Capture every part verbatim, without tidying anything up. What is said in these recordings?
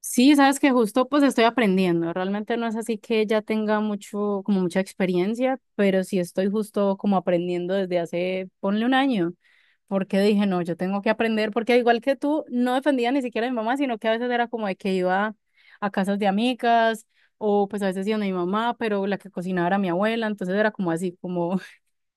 Sí, sabes que justo pues estoy aprendiendo. Realmente no es así que ya tenga mucho, como mucha experiencia, pero sí estoy justo como aprendiendo desde hace, ponle un año, porque dije, no, yo tengo que aprender, porque al igual que tú, no defendía ni siquiera a mi mamá, sino que a veces era como de que iba a casas de amigas o pues a veces iba a mi mamá, pero la que cocinaba era mi abuela, entonces era como así, como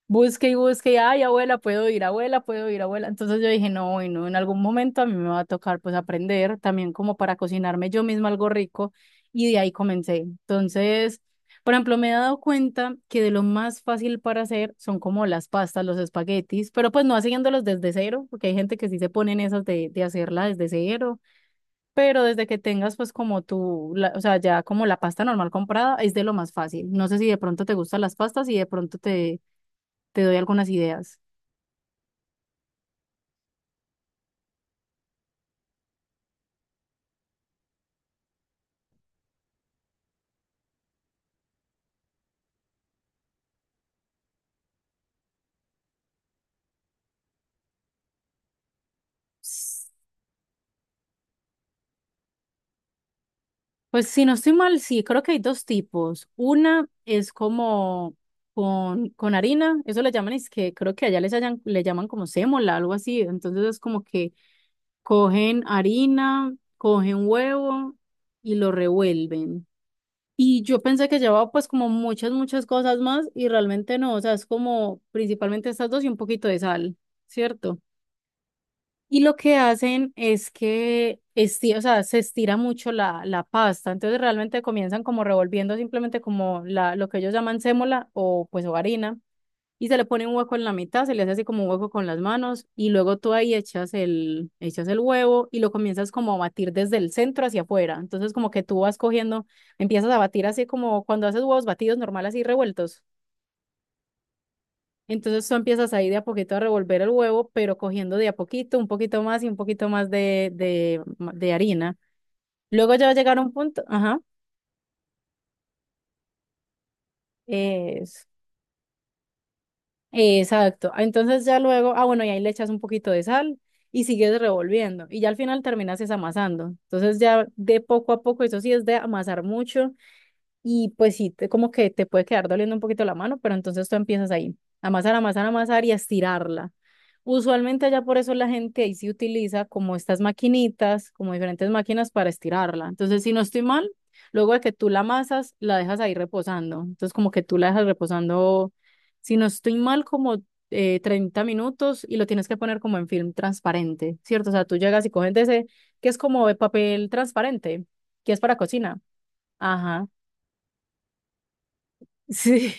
busque y busque, y, ay, abuela, puedo ir, abuela, puedo ir, abuela. Entonces yo dije, no, bueno, en algún momento a mí me va a tocar pues aprender también como para cocinarme yo misma algo rico y de ahí comencé. Entonces, por ejemplo, me he dado cuenta que de lo más fácil para hacer son como las pastas, los espaguetis, pero pues no haciéndolos desde cero, porque hay gente que sí se pone en esas de, de hacerla desde cero, pero desde que tengas pues como tu, la- o sea, ya como la pasta normal comprada es de lo más fácil. No sé si de pronto te gustan las pastas y de pronto te te doy algunas ideas. S- Pues si no estoy mal, sí, creo que hay dos tipos. Una es como con, con harina, eso le llaman, es que creo que allá les hayan- le llaman como sémola, algo así. Entonces es como que cogen harina, cogen huevo y lo revuelven. Y yo pensé que llevaba pues como muchas, muchas cosas más y realmente no, o sea, es como principalmente estas dos y un poquito de sal, ¿cierto? Y lo que hacen es que esti- o sea, se estira mucho la, la pasta, entonces realmente comienzan como revolviendo simplemente como la, lo que ellos llaman sémola o pues o harina, y se le pone un hueco en la mitad, se le hace así como un hueco con las manos, y luego tú ahí echas el, echas el huevo y lo comienzas como a batir desde el centro hacia afuera, entonces como que tú vas cogiendo, empiezas a batir así como cuando haces huevos batidos normal así revueltos. Entonces tú empiezas ahí de a poquito a revolver el huevo, pero cogiendo de a poquito, un poquito más y un poquito más de, de, de harina. Luego ya va a llegar un punto, ajá, es, exacto. Entonces ya luego, ah, bueno, y ahí le echas un poquito de sal y sigues revolviendo. Y ya al final terminas es amasando. Entonces ya de poco a poco, eso sí es de amasar mucho. Y pues sí, te- como que te puede quedar doliendo un poquito la mano, pero entonces tú empiezas ahí, a amasar, amasar, amasar y a estirarla. Usualmente allá por eso la gente ahí sí utiliza como estas maquinitas, como diferentes máquinas para estirarla. Entonces, si no estoy mal, luego de que tú la amasas, la dejas ahí reposando. Entonces, como que tú la dejas reposando, si no estoy mal, como eh, treinta minutos y lo tienes que poner como en film transparente, ¿cierto? O sea, tú llegas y coges de ese, que es como de papel transparente, que es para cocina. Ajá. Sí,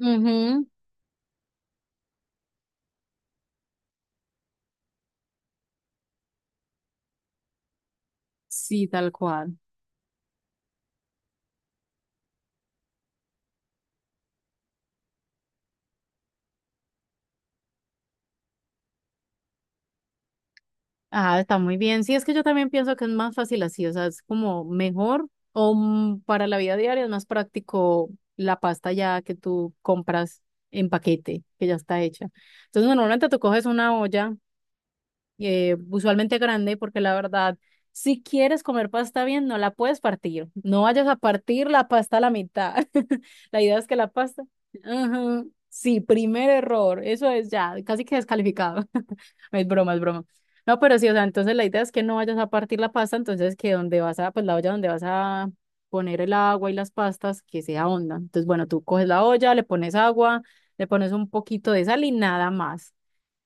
ujú. Sí, tal cual. Ah, está muy bien. Sí, es que yo también pienso que es más fácil así, o sea, es como mejor o mm, para la vida diaria es más práctico la pasta ya que tú compras en paquete, que ya está hecha. Entonces, normalmente tú coges una olla eh, usualmente grande, porque la verdad, si quieres comer pasta bien, no la puedes partir. No vayas a partir la pasta a la mitad. La idea es que la pasta. Ajá. Sí, primer error. Eso es ya, casi que descalificado. Es broma, es broma. No, pero sí, o sea, entonces la idea es que no vayas a partir la pasta, entonces que donde vas a, pues la olla donde vas a poner el agua y las pastas, que sea honda. Entonces, bueno, tú coges la olla, le pones agua, le pones un poquito de sal y nada más.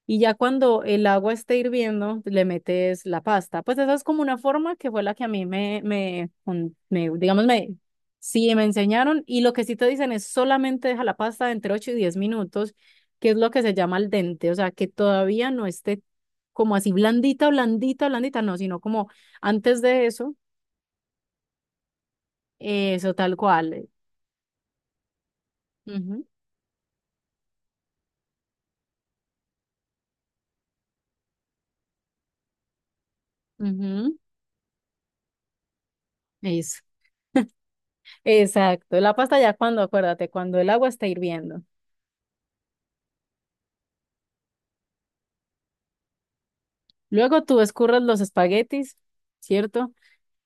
Y ya cuando el agua esté hirviendo, le metes la pasta. Pues esa es como una forma que fue la que a mí me, me, con- me- digamos, me, sí, me enseñaron. Y lo que sí te dicen es solamente deja la pasta entre ocho y diez minutos, que es lo que se llama al dente. O sea, que todavía no esté como así blandita, blandita, blandita, no, sino como antes de eso, eso tal cual. Ujú, ujú, eso. Exacto. La pasta ya cuando, acuérdate, cuando el agua está hirviendo. Luego tú escurres los espaguetis, ¿cierto?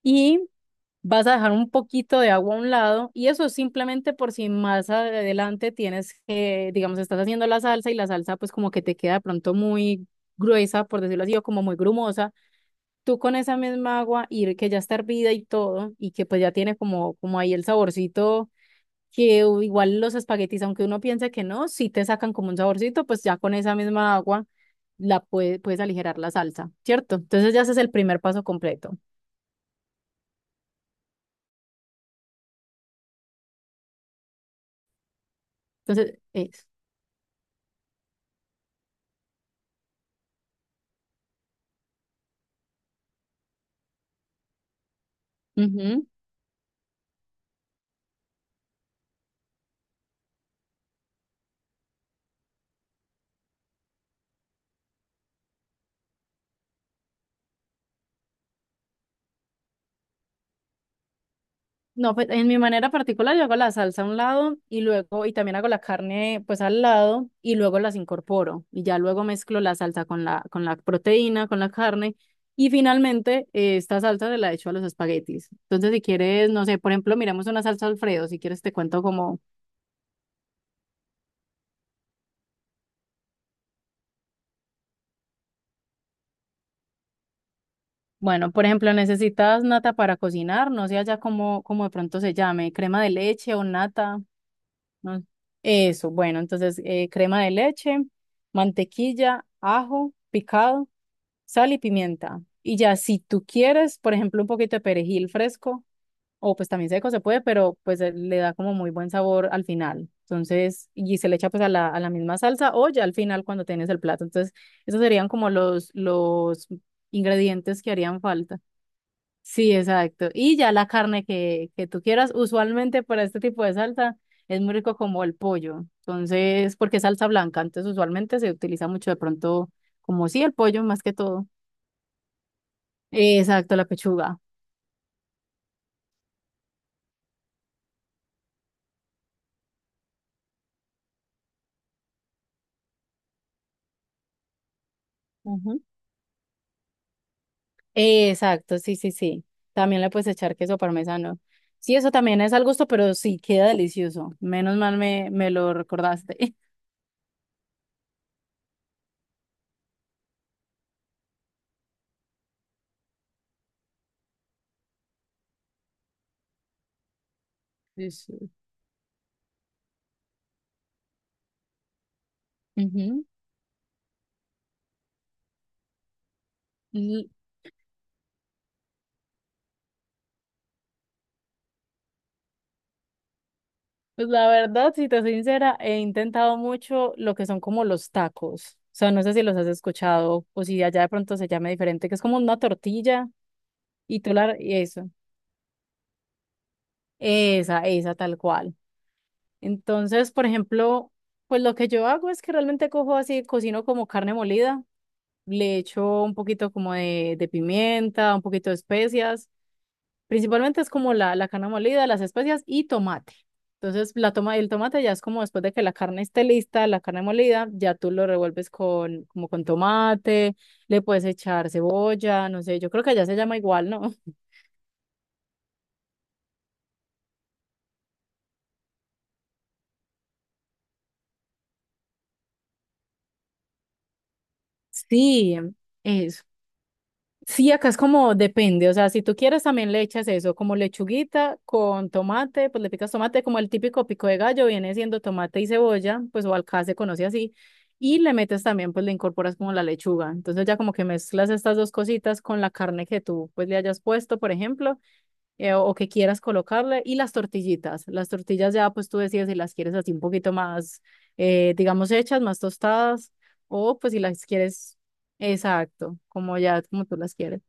Y vas a dejar un poquito de agua a un lado y eso es simplemente por si más adelante tienes que, digamos, estás haciendo la salsa y la salsa pues como que te queda de pronto muy gruesa, por decirlo así, o como muy grumosa. Tú con esa misma agua y que ya está hervida y todo y que pues ya tiene como, como ahí el saborcito que u- igual los espaguetis, aunque uno piense que no, si te sacan como un saborcito, pues ya con esa misma agua la puede, puedes aligerar la salsa, ¿cierto? Entonces ya ese es el primer paso completo. Entonces, es. Ujú. No, pues en mi manera particular yo hago la salsa a un lado y luego, y también hago la carne pues al lado y luego las incorporo y ya luego mezclo la salsa con la, con la proteína, con la carne y finalmente eh, esta salsa se la echo a los espaguetis. Entonces si quieres, no sé, por ejemplo, miramos una salsa Alfredo, si quieres te cuento como bueno, por ejemplo, necesitas nata para cocinar, no sé allá cómo, cómo de pronto se llame, crema de leche o nata, no. Eso, bueno, entonces eh, crema de leche, mantequilla, ajo picado, sal y pimienta. Y ya si tú quieres, por ejemplo, un poquito de perejil fresco o pues también seco se puede, pero pues eh, le da como muy buen sabor al final. Entonces, y se le echa pues a la, a la misma salsa o ya al final cuando tienes el plato. Entonces, esos serían como los, los ingredientes que harían falta. Sí, exacto. Y ya la carne que, que tú quieras, usualmente para este tipo de salsa es muy rico como el pollo. Entonces, porque es salsa blanca, entonces usualmente se utiliza mucho de pronto como sí el pollo más que todo. Exacto, la pechuga. Ujú. Exacto, sí, sí, sí. También le puedes echar queso parmesano. Sí, eso también es al gusto, pero sí queda delicioso. Menos mal me, me lo recordaste. Sí, sí. Ujú. Pues la verdad, si te soy sincera, he intentado mucho lo que son como los tacos. O sea, no sé si los has escuchado o si allá de pronto se llama diferente, que es como una tortilla y tú la... y eso, esa, esa tal cual. Entonces, por ejemplo, pues lo que yo hago es que realmente cojo así, cocino como carne molida, le echo un poquito como de, de pimienta, un poquito de especias. Principalmente es como la, la carne molida, las especias y tomate. Entonces, la toma, el tomate ya es como después de que la carne esté lista, la carne molida, ya tú lo revuelves con, como con tomate, le puedes echar cebolla, no sé, yo creo que allá se llama igual, ¿no? Sí, eso. Sí, acá es como depende, o sea, si tú quieres también le echas eso, como lechuguita con tomate, pues le picas tomate, como el típico pico de gallo viene siendo tomate y cebolla, pues o acá se conoce así, y le metes también, pues le incorporas como la lechuga, entonces ya como que mezclas estas dos cositas con la carne que tú pues le hayas puesto, por ejemplo, eh, o que quieras colocarle, y las tortillitas, las tortillas ya pues tú decides si las quieres así un poquito más, eh, digamos, hechas, más tostadas, o pues si las quieres, exacto, como ya, como tú las quieres.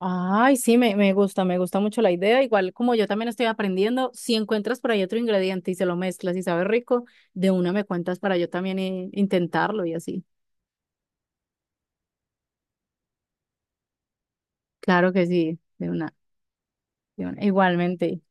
Ay, sí, me, me gusta, me gusta mucho la idea. Igual como yo también estoy aprendiendo, si encuentras por ahí otro ingrediente y se lo mezclas y sabe rico, de una me cuentas para yo también eh, intentarlo y así. Claro que sí, de una, de una. Igualmente.